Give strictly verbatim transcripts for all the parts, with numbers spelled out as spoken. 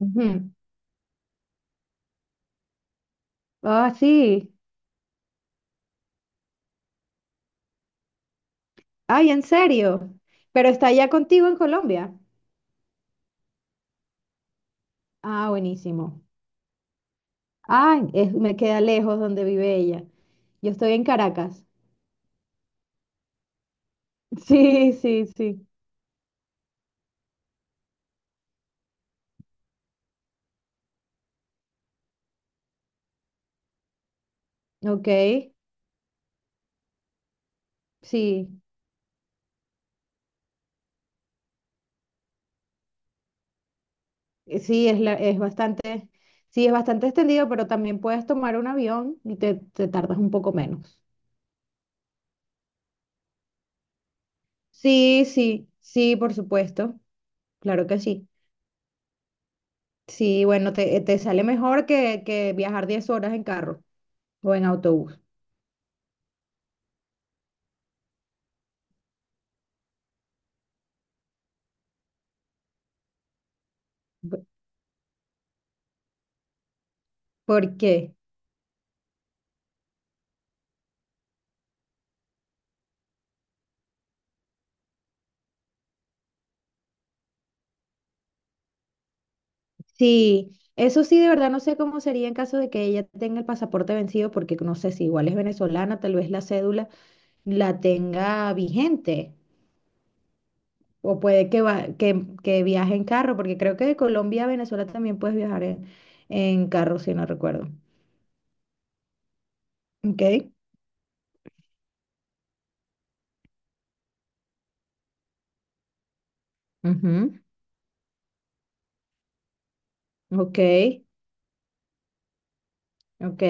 Ujú. Ah, sí. Ay, ¿en serio? ¿Pero está allá contigo en Colombia? Ah, buenísimo. Ay, es- me queda lejos donde vive ella. Yo estoy en Caracas. Sí, sí, sí. Ok, sí. Eh, Sí, es, la- es bastante, sí, es bastante extendido, pero también puedes tomar un avión y te, te tardas un poco menos. Sí, sí, sí, por supuesto. Claro que sí. Sí, bueno, te, te sale mejor que, que viajar diez horas en carro o en autobús. Porque sí, eso sí, de verdad no sé cómo sería en caso de que ella tenga el pasaporte vencido, porque no sé si igual es venezolana, tal vez la cédula la tenga vigente, o puede que, va- que, que viaje en carro, porque creo que de Colombia a Venezuela también puedes viajar en, en carro, si no recuerdo. Ok, ujú, Ok, ok.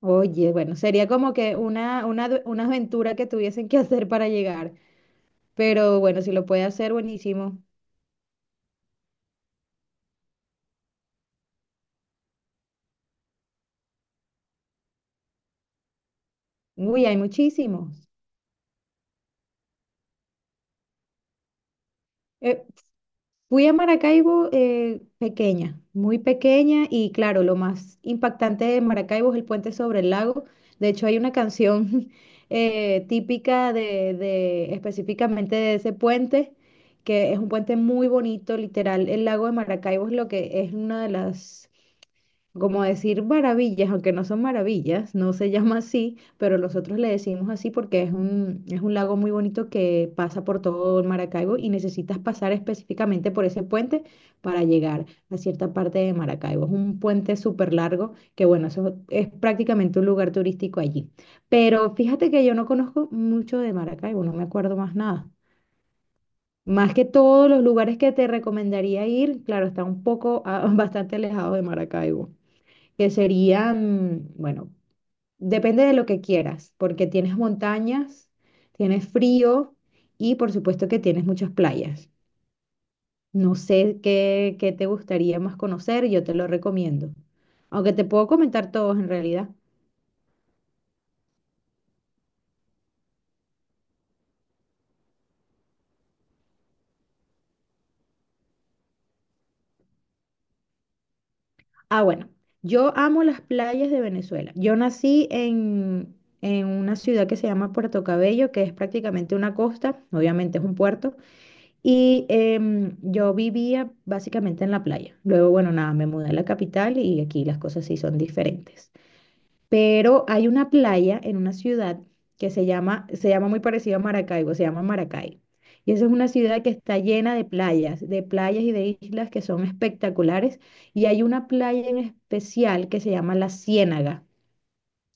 Oye, bueno, sería como que una, una, adu- una aventura que tuviesen que hacer para llegar, pero bueno, si lo puede hacer, buenísimo. Uy, hay muchísimos. Eh, fui a Maracaibo eh, pequeña, muy pequeña y claro, lo más impactante de Maracaibo es el puente sobre el lago. De hecho, hay una canción eh, típica de, de- específicamente de ese puente, que es un puente muy bonito, literal. El lago de Maracaibo es lo que es una de las como decir maravillas, aunque no son maravillas, no se llama así, pero nosotros le decimos así porque es un, es un lago muy bonito que pasa por todo Maracaibo y necesitas pasar específicamente por ese puente para llegar a cierta parte de Maracaibo. Es un puente súper largo que, bueno, eso es prácticamente un lugar turístico allí. Pero fíjate que yo no conozco mucho de Maracaibo, no me acuerdo más nada. Más que todos los lugares que te recomendaría ir, claro, está un poco, ah, bastante alejado de Maracaibo que serían, bueno, depende de lo que quieras, porque tienes montañas, tienes frío y por supuesto que tienes muchas playas. No sé qué, qué te gustaría más conocer, yo te lo recomiendo. Aunque te puedo comentar todos en realidad. Ah, bueno, yo amo las playas de Venezuela. Yo nací en, en una ciudad que se llama Puerto Cabello, que es prácticamente una costa, obviamente es un puerto. Y em, yo vivía básicamente en la playa. Luego, bueno, nada, me mudé a la capital y aquí las cosas sí son diferentes. Pero hay una playa en una ciudad que se llama, se llama muy parecido a Maracaibo, se llama Maracay. Y esa es una ciudad que está llena de playas, de playas y de islas que son espectaculares. Y hay una playa en especial que se llama La Ciénaga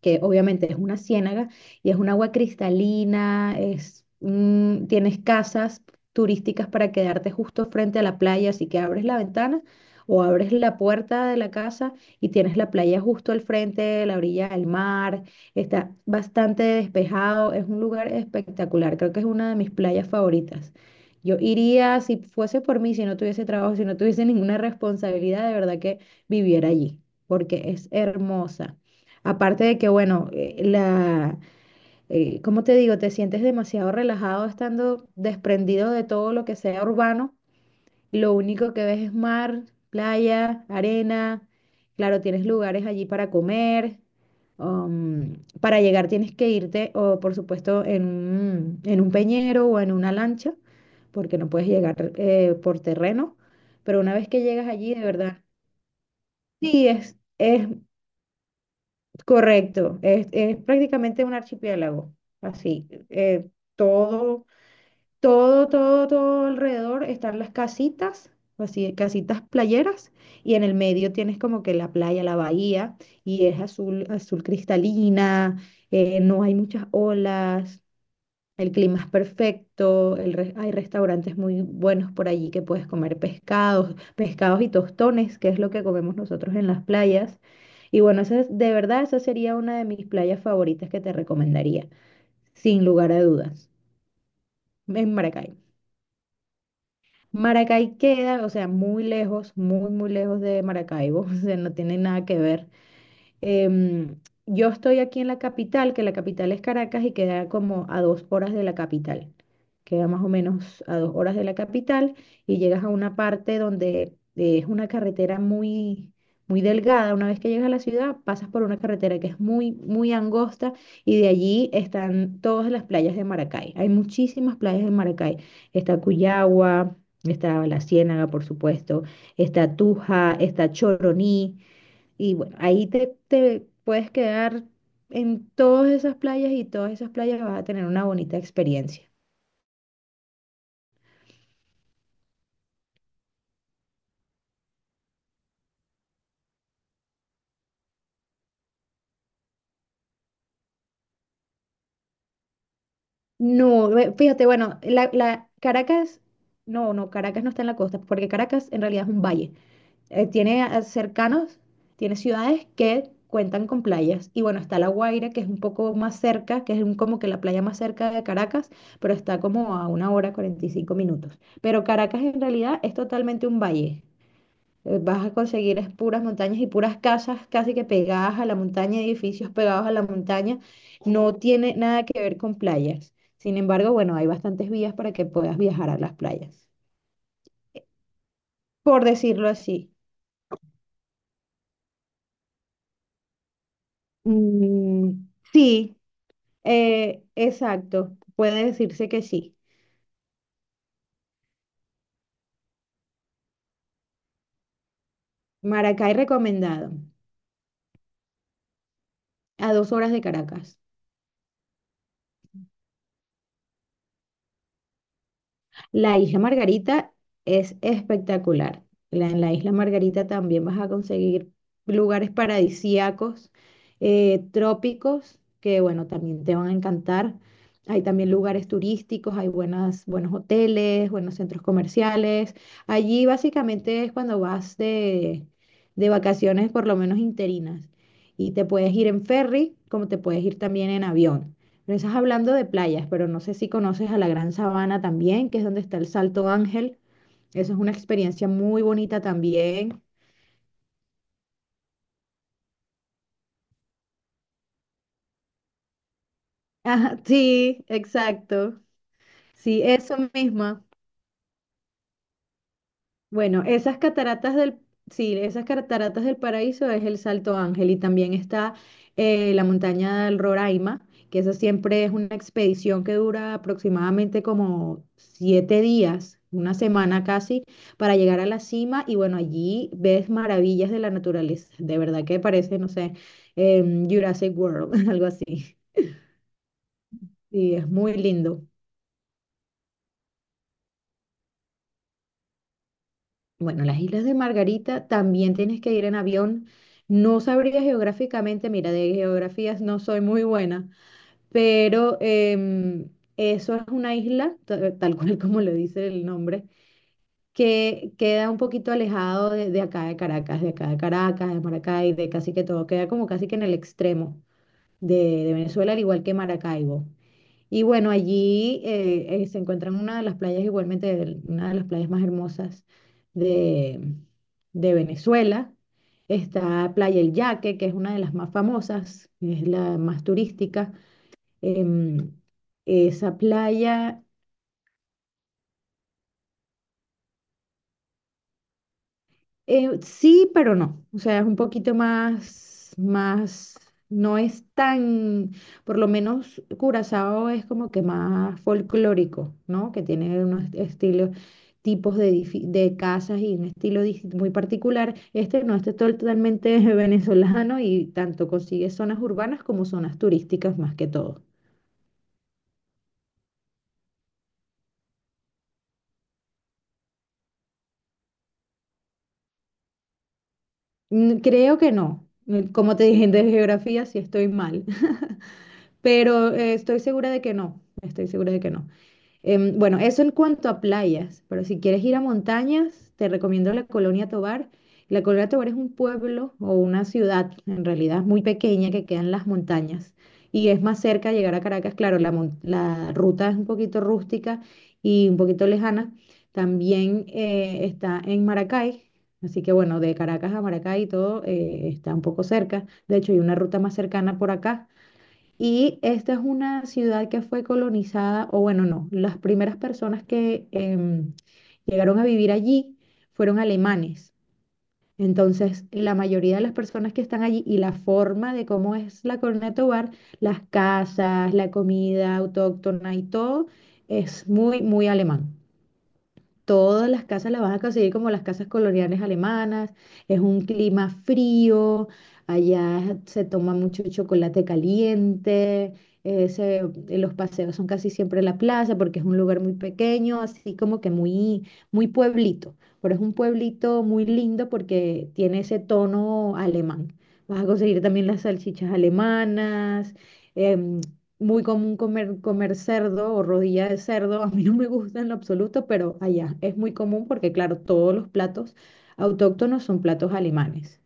que obviamente es una ciénaga y es un agua cristalina, es, mm, tienes casas turísticas para quedarte justo frente a la playa, así que abres la ventana o abres la puerta de la casa y tienes la playa justo al frente, la orilla del mar, está bastante despejado, es un lugar espectacular, creo que es una de mis playas favoritas. Yo iría, si fuese por mí, si no tuviese trabajo, si no tuviese ninguna responsabilidad, de verdad que viviera allí, porque es hermosa. Aparte de que, bueno, eh, la, eh, ¿cómo te digo? Te sientes demasiado relajado estando desprendido de todo lo que sea urbano. Lo único que ves es mar, playa, arena. Claro, tienes lugares allí para comer. um, para llegar tienes que irte, o por supuesto, en un, en un peñero o en una lancha, porque no puedes llegar eh, por terreno. Pero una vez que llegas allí, de verdad, sí, es, es Correcto, es, es prácticamente un archipiélago, así. eh, todo, todo, todo, todo alrededor están las casitas, así, casitas playeras, y en el medio tienes como que la playa, la bahía, y es azul, azul cristalina, eh, no hay muchas olas, el clima es perfecto, el re- hay restaurantes muy buenos por allí que puedes comer pescados, pescados y tostones, que es lo que comemos nosotros en las playas. Y bueno, esa es- de verdad, esa sería una de mis playas favoritas que te recomendaría, sin lugar a dudas, en Maracay. Maracay queda, o sea, muy lejos, muy, muy lejos de Maracaibo, o sea, no tiene nada que ver. Em, yo estoy aquí en la capital, que la capital es Caracas y queda como a dos horas de la capital. Queda más o menos a dos horas de la capital y llegas a una parte donde eh, es una carretera muy, muy delgada. Una vez que llegas a la ciudad, pasas por una carretera que es muy, muy angosta y de allí están todas las playas de Maracay. Hay muchísimas playas de Maracay. Está Cuyagua, está La Ciénaga, por supuesto, está Tuja, está Choroní. Y bueno, ahí te, te puedes quedar en todas esas playas y todas esas playas vas a tener una bonita experiencia. No, ve- fíjate, bueno, la, la- Caracas, no, no, Caracas no está en la costa, porque Caracas en realidad es un valle. Eh, tiene a- cercanos, tiene ciudades que cuentan con playas. Y bueno, está La Guaira, que es un poco más cerca, que es un- como que la playa más cerca de Caracas, pero está como a una hora cuarenta y cinco minutos. Pero Caracas en realidad es totalmente un valle. eh, Vas a conseguir es puras montañas y puras casas casi que pegadas a la montaña, edificios pegados a la montaña. No tiene nada que ver con playas. Sin embargo, bueno, hay bastantes vías para que puedas viajar a las playas, por decirlo así. Mm, sí, eh, exacto. Puede decirse que sí. Maracay recomendado, a dos horas de Caracas. La Isla Margarita es espectacular. La- en la Isla Margarita también vas a conseguir lugares paradisíacos, eh, trópicos, que bueno, también te van a encantar. Hay también lugares turísticos, hay buenas, buenos hoteles, buenos centros comerciales. Allí básicamente es cuando vas de, de vacaciones, por lo menos interinas. Y te puedes ir en ferry, como te puedes ir también en avión. Pero estás hablando de playas, pero no sé si conoces a la Gran Sabana también, que es donde está el Salto Ángel. Eso es una experiencia muy bonita también. Ajá, sí, exacto. Sí, eso mismo. Bueno, esas cataratas del, sí, esas cataratas del Paraíso es el Salto Ángel y también está eh, la montaña del Roraima, que esa siempre es una expedición que dura aproximadamente como siete días, una semana casi, para llegar a la cima y bueno, allí ves maravillas de la naturaleza, de verdad que parece, no sé, em, Jurassic World, algo así. Sí, es muy lindo. Bueno, las Islas de Margarita también tienes que ir en avión. No sabría geográficamente, mira, de geografías no soy muy buena, pero em, eso es una isla, ta- tal cual como lo dice el nombre, que queda un poquito alejado de, de acá de Caracas, de acá de Caracas, de Maracay, de casi que todo, queda como casi que en el extremo de, de Venezuela, al igual que Maracaibo. Y bueno, allí eh, eh, se encuentran una de las playas, igualmente del- una de las playas más hermosas de, de Venezuela. Está Playa El Yaque, que es una de las más famosas, es la más turística. Em, esa playa. Eh, sí, pero no. O sea, es un poquito más, más, no es tan, por lo menos Curazao es como que más folclórico, ¿no? Que tiene unos estilos, tipos de, edifi- de casas y un estilo dis- muy particular. Este no, este es totalmente venezolano y tanto consigue zonas urbanas como zonas turísticas más que todo. Mm, Creo que no. Eh, Como te dije, de geografía sí estoy mal, pero eh, estoy segura de que no. Estoy segura de que no. Em, bueno, eso en cuanto a playas, pero si quieres ir a montañas, te recomiendo la Colonia Tovar. La Colonia Tovar es un pueblo o una ciudad, en realidad, muy pequeña que queda en las montañas. Y es más cerca llegar a Caracas, claro, la, mon- la ruta es un poquito rústica y un poquito lejana. También eh, está en Maracay, así que bueno, de Caracas a Maracay todo eh, está un poco cerca. De hecho, hay una ruta más cercana por acá y esta es una ciudad que fue colonizada, o bueno, no, las primeras personas que em, llegaron a vivir allí fueron alemanes. Entonces, la mayoría de las personas que están allí y la forma de cómo es la Corona de Tobar, las casas, la comida autóctona y todo, es muy, muy alemán. Todas las casas las vas a conseguir como las casas coloniales alemanas, es un clima frío, allá se toma mucho chocolate caliente, eh, se- los paseos son casi siempre en la plaza porque es un lugar muy pequeño, así como que muy, muy pueblito, pero es un pueblito muy lindo porque tiene ese tono alemán. Vas a conseguir también las salchichas alemanas, em, muy común comer, comer cerdo o rodilla de cerdo. A mí no me gusta en lo absoluto, pero allá es muy común porque, claro, todos los platos autóctonos son platos alemanes.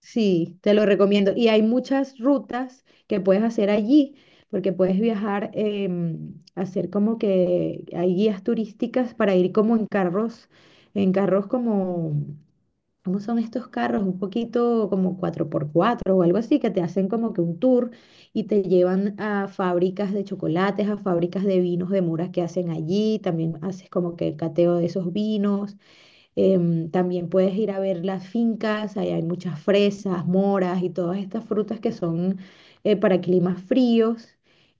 Sí, te lo recomiendo. Y hay muchas rutas que puedes hacer allí, porque puedes viajar, em, hacer como que hay guías turísticas para ir como en carros, en carros como ¿cómo son estos carros? Un poquito como cuatro por cuatro o algo así, que te hacen como que un tour y te llevan a fábricas de chocolates, a fábricas de vinos de muras que hacen allí. También haces como que el cateo de esos vinos. Em, también puedes ir a ver las fincas, ahí hay muchas fresas, moras y todas estas frutas que son eh, para climas fríos.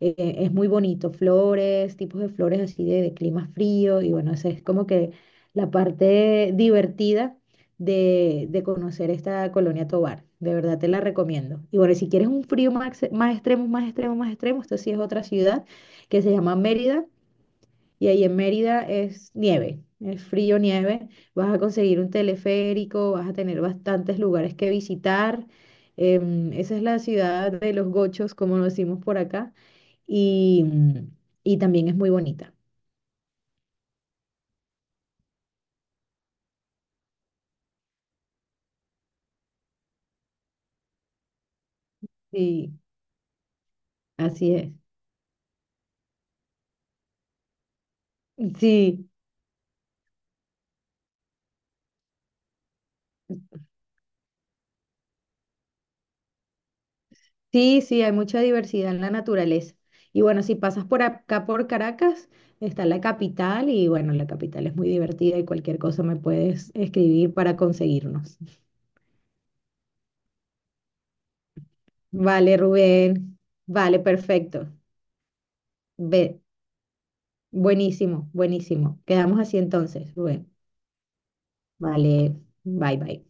Eh, es muy bonito, flores, tipos de flores así de, de clima frío y bueno, esa es como que la parte divertida de, de conocer esta colonia Tovar. De verdad te la recomiendo. Y bueno, si quieres un frío más, ex- más extremo, más extremo, más extremo, esto sí es otra ciudad que se llama Mérida. Y ahí en Mérida es nieve, es frío nieve. Vas a conseguir un teleférico, vas a tener bastantes lugares que visitar. Em, esa es la ciudad de los gochos, como lo decimos por acá. Y, mm, y también es muy bonita. Sí, así es. Sí, sí, sí, hay mucha diversidad en la naturaleza. Y bueno, si pasas por acá, por Caracas, está la capital y bueno, la capital es muy divertida y cualquier cosa me puedes escribir para conseguirnos. Vale, Rubén. Vale, perfecto. Ve, buenísimo, buenísimo. Quedamos así entonces, Rubén. Vale, bye, bye.